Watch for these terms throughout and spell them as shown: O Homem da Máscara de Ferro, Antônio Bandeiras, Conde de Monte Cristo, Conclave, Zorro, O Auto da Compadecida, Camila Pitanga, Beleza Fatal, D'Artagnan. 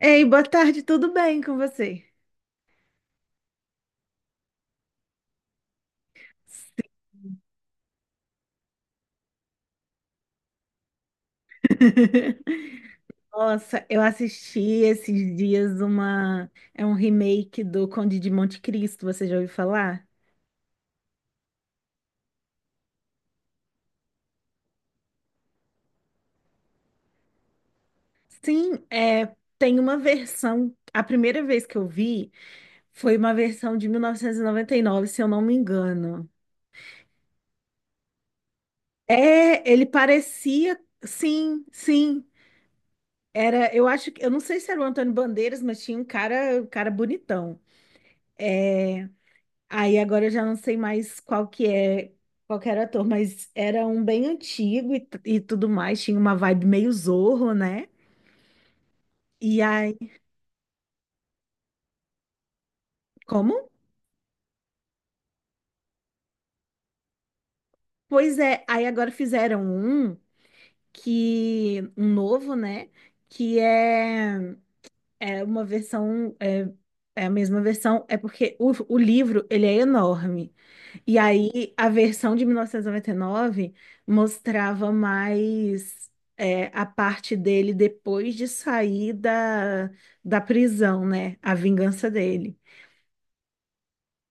Ei, boa tarde, tudo bem com você? Nossa, eu assisti esses dias uma. É um remake do Conde de Monte Cristo, você já ouviu falar? Sim, é, tem uma versão. A primeira vez que eu vi foi uma versão de 1999, se eu não me engano. É, ele parecia. Sim, sim. Era, eu acho que. Eu não sei se era o Antônio Bandeiras, mas tinha um cara bonitão. É, aí agora eu já não sei mais qual que é, qual que era o ator, mas era um bem antigo e, e tudo mais, tinha uma vibe meio Zorro, né? E aí, como? Pois é, aí agora fizeram um que, um novo, né? Que é É uma versão, é, é a mesma versão, é porque o livro, ele é enorme. E aí, a versão de 1999 mostrava mais é, a parte dele depois de sair da prisão, né? A vingança dele.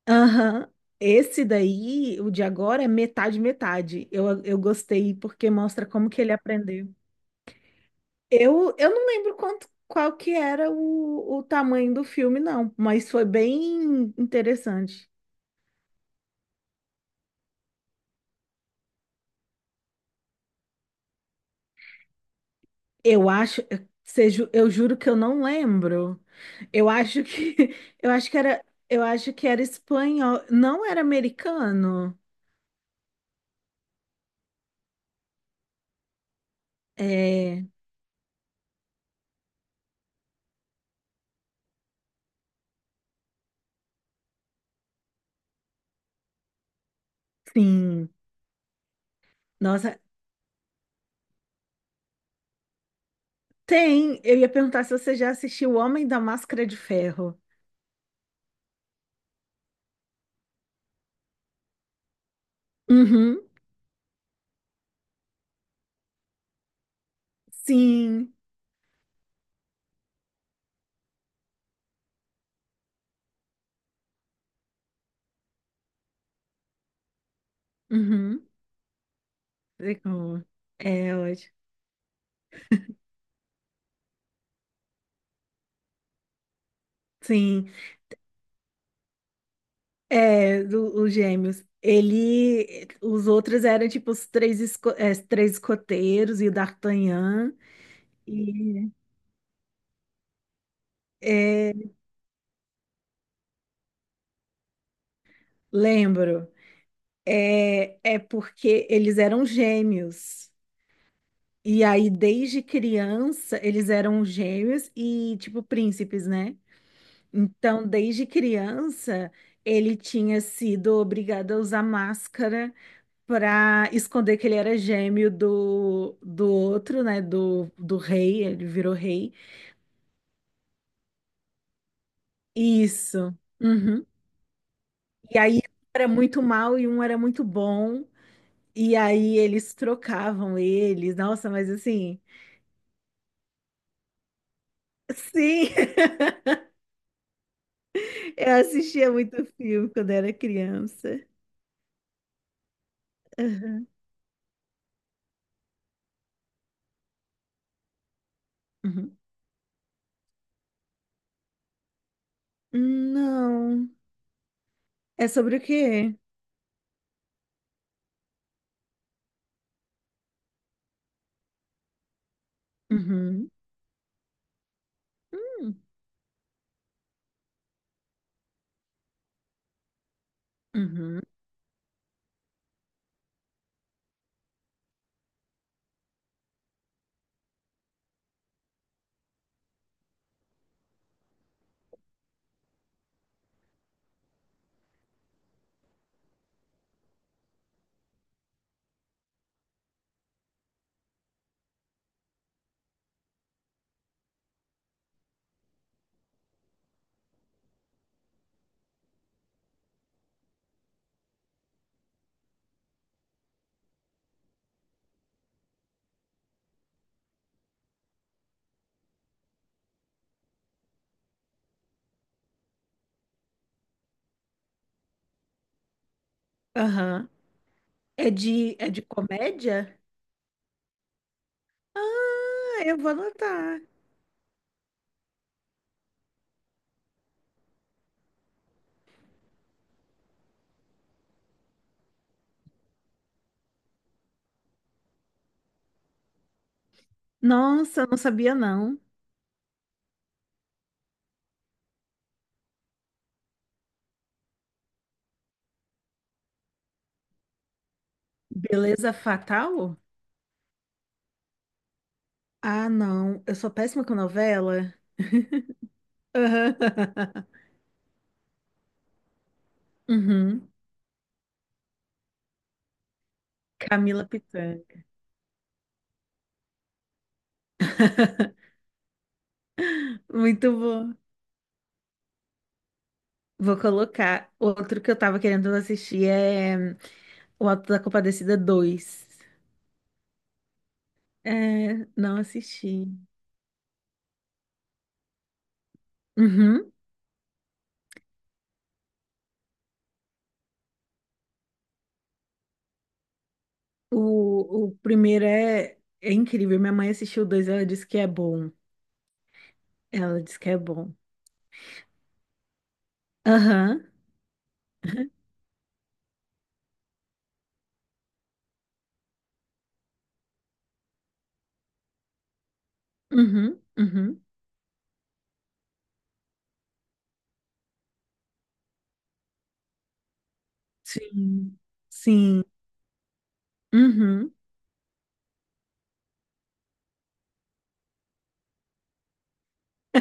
Aham. Esse daí, o de agora, é metade, metade. Eu gostei porque mostra como que ele aprendeu. Eu não lembro quanto, qual que era o tamanho do filme, não, mas foi bem interessante. Eu acho, seja, eu juro que eu não lembro. Eu acho que, eu acho que era, eu acho que era espanhol, não era americano. É, sim. Nossa, tem. Eu ia perguntar se você já assistiu O Homem da Máscara de Ferro. Uhum, sim. Uhum. Sei como. É ótimo. Sim. É, os gêmeos. Ele, os outros eram tipo os três, os três escoteiros e o D'Artagnan. E é, lembro, é, é porque eles eram gêmeos. E aí, desde criança, eles eram gêmeos e tipo príncipes, né? Então, desde criança, ele tinha sido obrigado a usar máscara pra esconder que ele era gêmeo do outro, né? Do rei, ele virou rei. Isso. Uhum. E aí um era muito mal e um era muito bom. E aí eles trocavam eles. Nossa, mas assim, sim, eu assistia muito filme quando era criança. Uhum. Uhum. Não. É sobre o quê? Uhum. Hum. Uhum. Aham. É de comédia? Ah, eu vou anotar. Nossa, eu não sabia não. Beleza Fatal? Ah, não. Eu sou péssima com novela. Aham. Uhum. Camila Pitanga. Muito bom. Vou colocar. Outro que eu tava querendo assistir é O Auto da Compadecida Dois. É, não assisti. Uhum. O primeiro é, é incrível. Minha mãe assistiu o dois, ela disse que é bom. Ela disse que é bom. Aham. Uhum. Uhum. Sim. Sim. Uhum.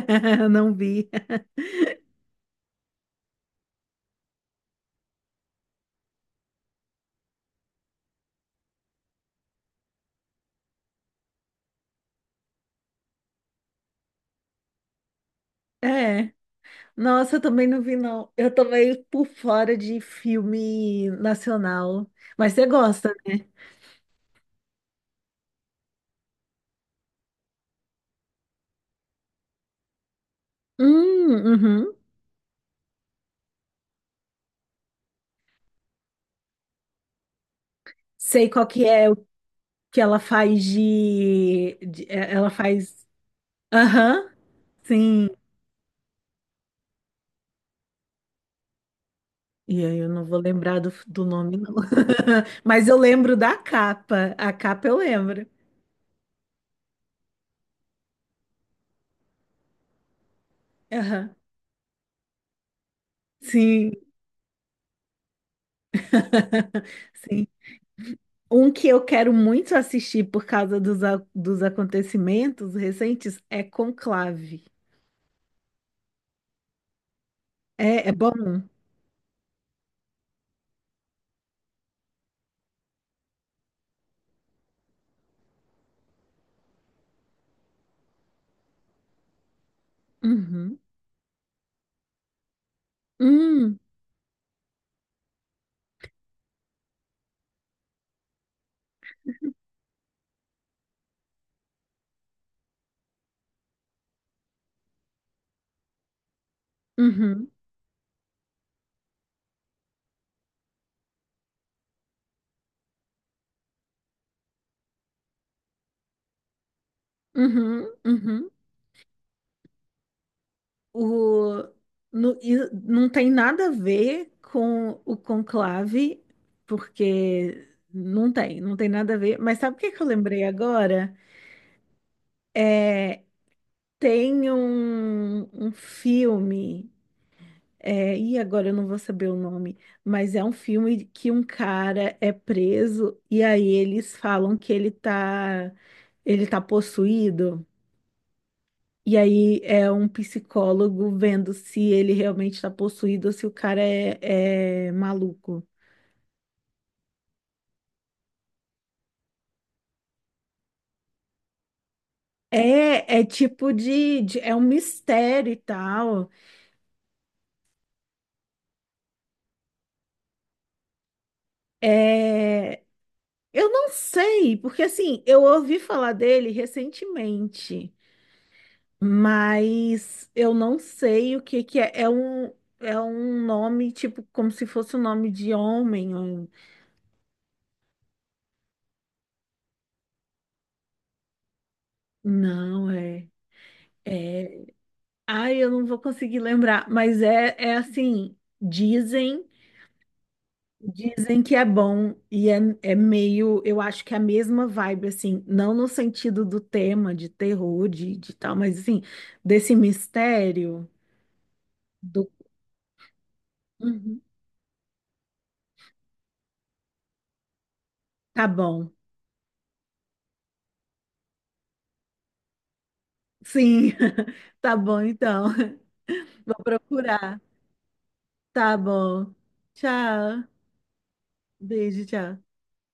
Não vi. É. Nossa, eu também não vi, não. Eu tô meio por fora de filme nacional. Mas você gosta, né? Uhum. Sei qual que é o que ela faz de... é, ela faz... Aham, sim. E aí eu não vou lembrar do nome, não. Mas eu lembro da capa. A capa eu lembro. Aham, sim. Sim. Um que eu quero muito assistir por causa dos, dos acontecimentos recentes é Conclave. É, é bom. Uhum. Hum, uhum. Uhum. Uhum. O, e não tem nada a ver com o conclave, porque não tem, não tem nada a ver. Mas sabe o que que eu lembrei agora? Tem um, um filme. É, e agora eu não vou saber o nome, mas é um filme que um cara é preso e aí eles falam que ele tá possuído. E aí é um psicólogo vendo se ele realmente está possuído ou se o cara é, é maluco. É, é tipo é um mistério e tal. É, eu não sei, porque assim, eu ouvi falar dele recentemente. Mas eu não sei o que que é. É um nome, tipo, como se fosse um nome de homem. Ou... Não, é. Ai, eu não vou conseguir lembrar. Mas é, é assim, dizem, dizem que é bom. E é, é meio, eu acho que é a mesma vibe, assim, não no sentido do tema de terror, de tal, mas assim, desse mistério do. Uhum, tá bom. Sim, tá bom então. Vou procurar. Tá bom. Tchau. Beijo, tchau.